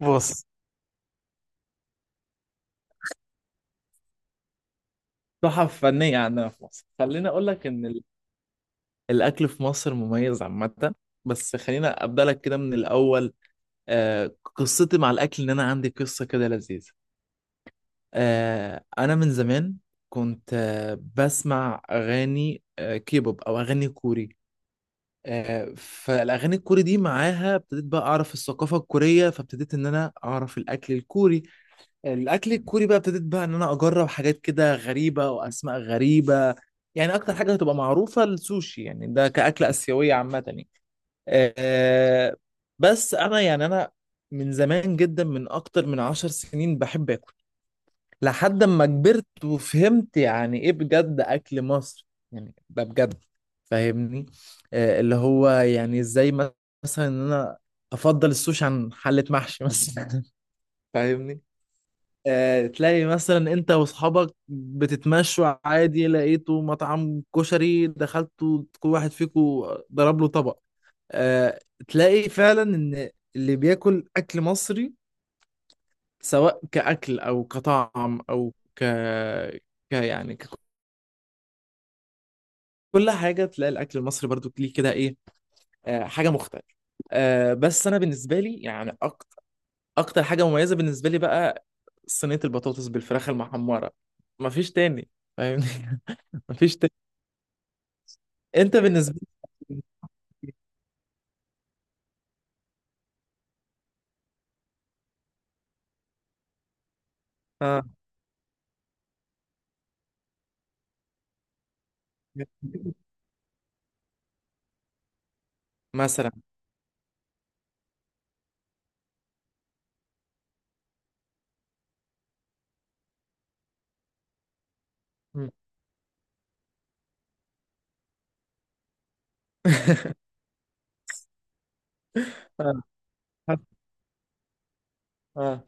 بص، تحف فنية عندنا في مصر. خليني أقول لك إن الأكل في مصر مميز عامة. بس خلينا أبدأ لك كده من الأول. قصتي مع الأكل إن أنا عندي قصة كده لذيذة. أنا من زمان كنت بسمع أغاني كيبوب أو أغاني كوري. فالأغاني الكوري دي معاها ابتديت بقى أعرف الثقافة الكورية، فابتديت إن أنا أعرف الأكل الكوري. الاكل الكوري بقى ابتديت بقى ان انا اجرب حاجات كده غريبه واسماء غريبه. يعني اكتر حاجه هتبقى معروفه السوشي، يعني ده كاكله اسيويه عامه يعني. أه بس انا يعني انا من زمان جدا، من اكتر من 10 سنين بحب اكل. لحد ما كبرت وفهمت يعني ايه بجد اكل مصر، يعني ده بجد. فاهمني؟ اللي هو يعني ازاي، مثلا ان انا افضل السوشي عن حله محشي مثلا. فاهمني؟ تلاقي مثلا انت واصحابك بتتمشوا عادي، لقيتوا مطعم كشري دخلتوا كل واحد فيكم ضرب له طبق. آه، تلاقي فعلا ان اللي بياكل اكل مصري سواء كاكل او كطعم او ك يعني ك... كل حاجه، تلاقي الاكل المصري برضو ليه كده ايه، حاجه مختلفه. بس انا بالنسبه لي يعني اكتر حاجه مميزه بالنسبه لي بقى صينيه البطاطس بالفراخ المحمره. مفيش تاني. فاهمني؟ مفيش تاني. انت بالنسبه لك. اه مثلا. مم. آه. آه.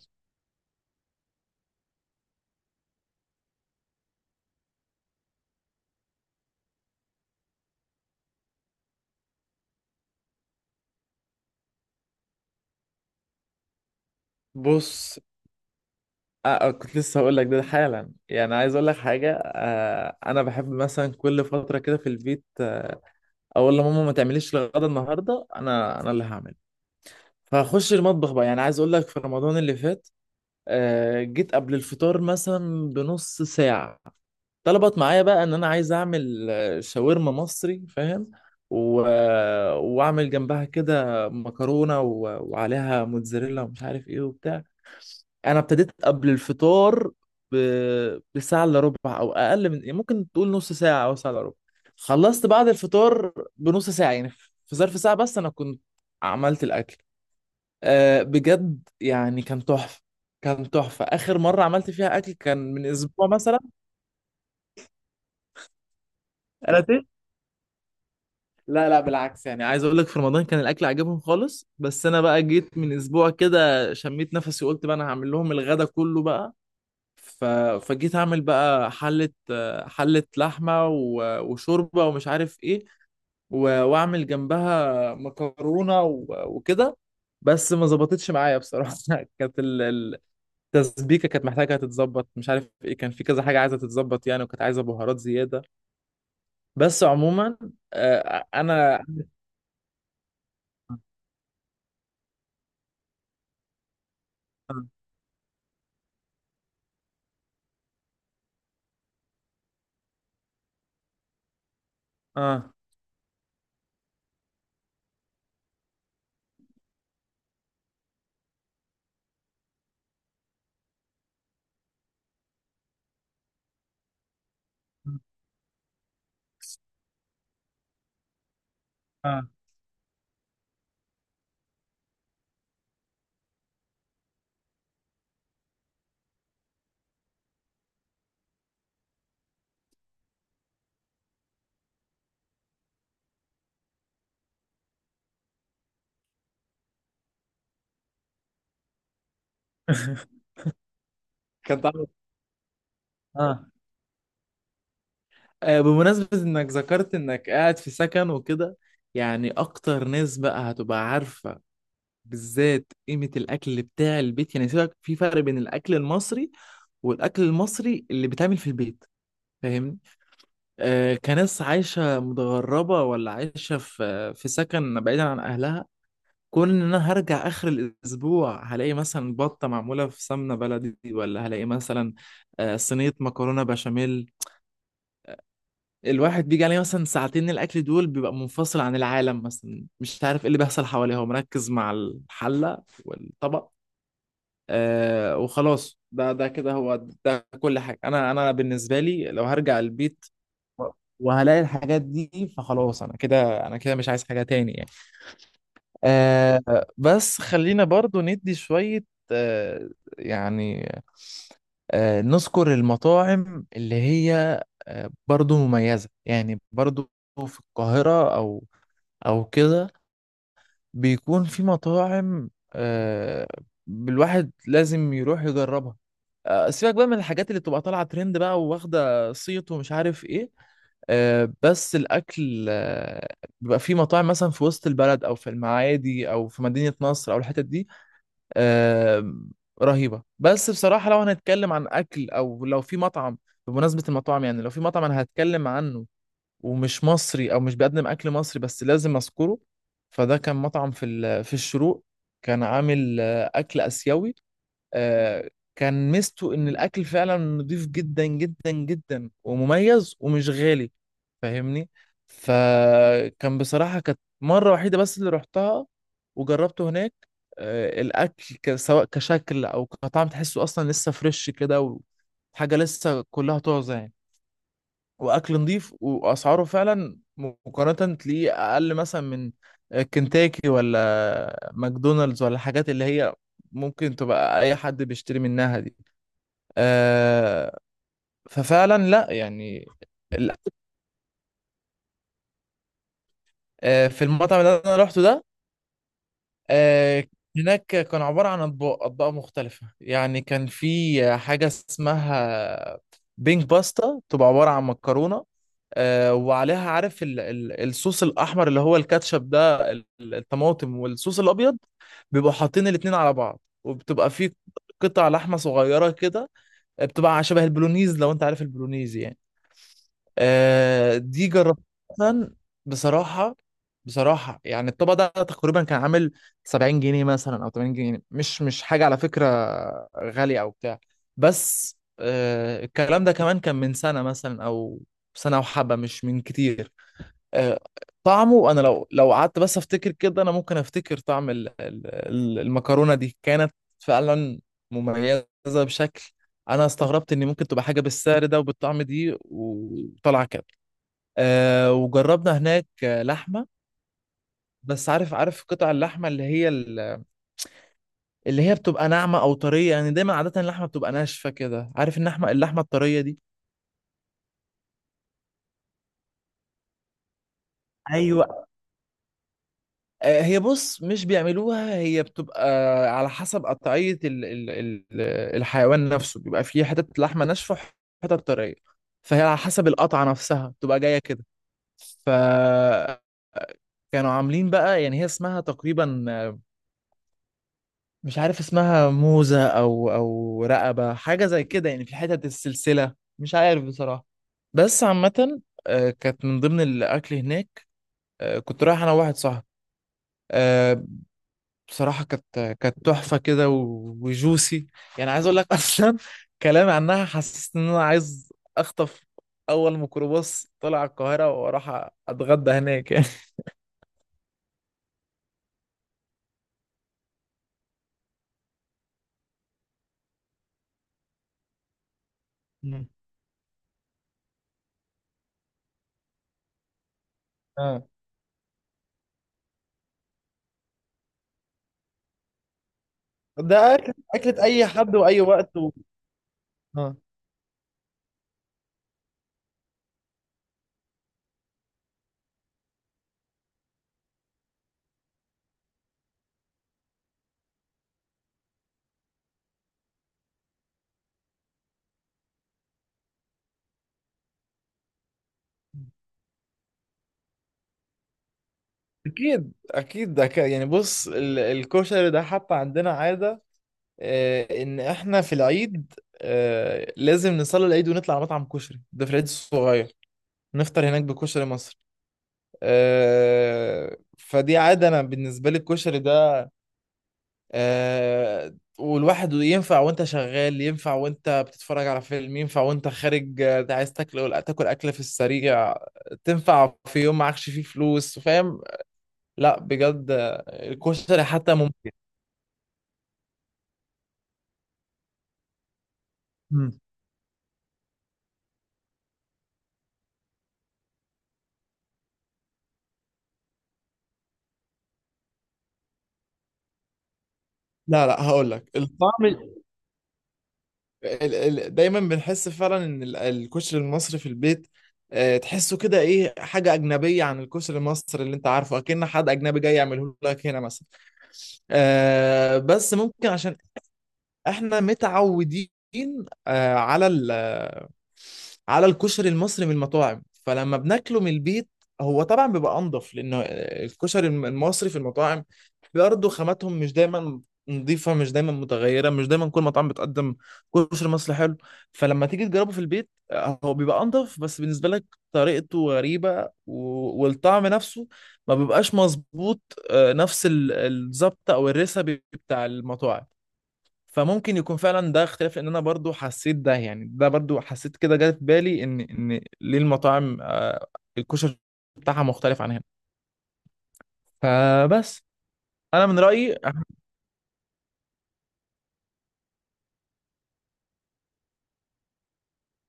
بص. كنت لسه هقول لك ده حالا، يعني عايز اقول لك حاجه. انا بحب مثلا كل فتره كده في البيت، اقول لماما ما تعمليش الغدا النهارده، انا اللي هعمل. فاخش المطبخ بقى. يعني عايز اقول لك في رمضان اللي فات، جيت قبل الفطار مثلا بنص ساعه. طلبت معايا بقى ان انا عايز اعمل شاورما مصري، فاهم؟ و... آه، واعمل جنبها كده مكرونه وعليها موتزاريلا ومش عارف ايه وبتاع. انا ابتديت قبل الفطار ب... بساعه الا ربع او اقل، من يعني ممكن تقول نص ساعه او ساعه الا ربع. خلصت بعد الفطار بنص ساعه يعني، في ظرف ساعه بس انا كنت عملت الاكل. بجد يعني كان تحفه، كان تحفه. اخر مره عملت فيها اكل كان من اسبوع مثلا. انا لا لا بالعكس، يعني عايز اقول لك في رمضان كان الاكل عجبهم خالص، بس انا بقى جيت من اسبوع كده شميت نفسي وقلت بقى انا هعمل لهم الغدا كله بقى. ف... فجيت اعمل بقى حلة. حلة لحمة وشوربة ومش عارف ايه، واعمل جنبها مكرونة وكده. بس ما ظبطتش معايا بصراحة. كانت التسبيكة كانت محتاجة تتظبط، مش عارف ايه، كان في كذا حاجة عايزة تتظبط يعني، وكانت عايزة بهارات زيادة. بس عموما آه، انا اه آه. اه كان طعمه. اه بمناسبة انك ذكرت انك قاعد في سكن وكده، يعني اكتر ناس بقى هتبقى عارفة بالذات قيمة الاكل بتاع البيت. يعني سيبك، في فرق بين الاكل المصري والاكل المصري اللي بيتعمل في البيت. فاهمني؟ كناس عايشة متغربة ولا عايشة في سكن بعيدا عن اهلها، كون ان انا هرجع اخر الاسبوع هلاقي مثلا بطة معمولة في سمنة بلدي، ولا هلاقي مثلا صينية مكرونة بشاميل. الواحد بيجي عليه مثلا ساعتين الاكل دول بيبقى منفصل عن العالم، مثلا مش عارف ايه اللي بيحصل حواليه، هو مركز مع الحله والطبق. وخلاص ده كده هو، ده كل حاجه. انا بالنسبه لي لو هرجع البيت وهلاقي الحاجات دي فخلاص، انا كده انا كده مش عايز حاجه تاني يعني. بس خلينا برضو ندي شوية. آه يعني نذكر المطاعم اللي هي برضو مميزة، يعني برضو في القاهرة أو كده بيكون في مطاعم، الواحد لازم يروح يجربها. سيبك بقى من الحاجات اللي بتبقى طالعة ترند بقى وواخدة صيت ومش عارف إيه. بس الأكل بيبقى في مطاعم مثلا في وسط البلد أو في المعادي أو في مدينة نصر أو الحتت دي آه، رهيبة. بس بصراحة لو هنتكلم عن أكل، أو لو في مطعم بمناسبة المطاعم، يعني لو في مطعم أنا هتكلم عنه ومش مصري أو مش بيقدم أكل مصري بس لازم أذكره، فده كان مطعم في في الشروق. كان عامل أكل آسيوي. آه، كان ميزته ان الاكل فعلا نضيف جدا جدا جدا ومميز ومش غالي. فاهمني؟ فكان بصراحة كانت مرة وحيدة بس اللي رحتها وجربته هناك. الاكل سواء كشكل او كطعم تحسه اصلا لسه فريش كده، وحاجة لسه كلها طازة يعني، واكل نظيف واسعاره فعلا مقارنه تلاقيه اقل مثلا من كنتاكي ولا ماكدونالدز ولا الحاجات اللي هي ممكن تبقى اي حد بيشتري منها دي. آه ففعلا لا يعني. ال- في المطعم اللي انا روحته ده آه، هناك كان عبارة عن أطباق أطباق مختلفة. يعني كان في حاجة اسمها بينك باستا، تبقى عبارة عن مكرونة وعليها عارف ال الصوص الأحمر اللي هو الكاتشب ده الطماطم، والصوص الأبيض. بيبقوا حاطين الاتنين على بعض وبتبقى في قطع لحمة صغيرة كده، بتبقى شبه البولونيز لو أنت عارف البولونيز يعني. دي جربتها بصراحة. بصراحة يعني الطبق ده تقريبا كان عامل 70 جنيه مثلا أو 80 جنيه، مش مش حاجة على فكرة غالية أو بتاع. بس الكلام ده كمان كان من سنة مثلا أو سنة وحبة مش من كتير. آه، طعمه أنا، لو قعدت بس أفتكر كده، أنا ممكن أفتكر طعم المكرونة دي كانت فعلا مميزة بشكل. أنا استغربت إن ممكن تبقى حاجة بالسعر ده وبالطعم دي وطلع كده. وجربنا هناك لحمه. بس عارف قطع اللحمه اللي هي اللي هي بتبقى ناعمه او طريه يعني، دايما عاده اللحمه بتبقى ناشفه كده. عارف اللحمه الطريه دي؟ ايوه. هي بص مش بيعملوها، هي بتبقى على حسب قطعية ال ال ال الحيوان نفسه بيبقى فيه حتت لحمة ناشفة وحتت طرية، فهي على حسب القطعة نفسها بتبقى جاية كده. ف كانوا عاملين بقى. يعني هي اسمها تقريبا مش عارف اسمها موزة او رقبة حاجة زي كده، يعني في حتت السلسلة مش عارف بصراحة. بس عامة كانت من ضمن الاكل هناك. كنت رايح انا وواحد صاحبي. آه، بصراحة كانت تحفة كده وجوسي. يعني عايز اقول لك، اصلا كلامي عنها حسست ان انا عايز اخطف اول ميكروباص طلع القاهرة واروح اتغدى هناك يعني. مم. آه. ده أكل. أكلة أي حد وأي وقت آه. اكيد ده يعني بص الكشري ده حتى عندنا عاده ان احنا في العيد لازم نصلي العيد ونطلع على مطعم كشري، ده في العيد الصغير نفطر هناك بكشري مصر. فدي عاده انا بالنسبه لي الكشري ده والواحد ينفع وانت شغال، ينفع وانت بتتفرج على فيلم، ينفع وانت خارج عايز تاكل، تاكل اكله في السريع. تنفع في يوم معكش فيه فلوس، فاهم؟ لا بجد الكشري حتى. مم. لا لا هقول لك الطعم دايما بنحس فعلا ان الكشري المصري في البيت تحسه كده ايه حاجه اجنبيه عن الكشري المصري اللي انت عارفه، اكن حد اجنبي جاي يعمله لك هنا مثلا. بس ممكن عشان احنا متعودين على ال آه، على الكشري المصري من المطاعم، فلما بناكله من البيت هو طبعا بيبقى انضف لانه الكشري المصري في المطاعم برضه خاماتهم مش دايما نظيفة، مش دايما متغيرة، مش دايما كل مطعم بتقدم كشري مصري حلو. فلما تيجي تجربه في البيت هو بيبقى انضف، بس بالنسبة لك طريقته غريبة والطعم نفسه ما بيبقاش مظبوط نفس الظبط او الريسبي بتاع المطاعم. فممكن يكون فعلا ده اختلاف، لان انا برضو حسيت ده يعني، ده برضو حسيت كده جه في بالي ان ليه المطاعم الكشري بتاعها مختلف عن هنا. فبس انا من رايي،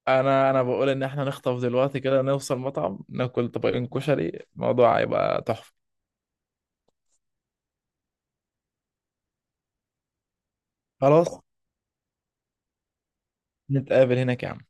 انا بقول ان احنا نخطف دلوقتي كده نوصل مطعم ناكل طبقين كشري، الموضوع هيبقى تحفه. خلاص، نتقابل هناك يا عم.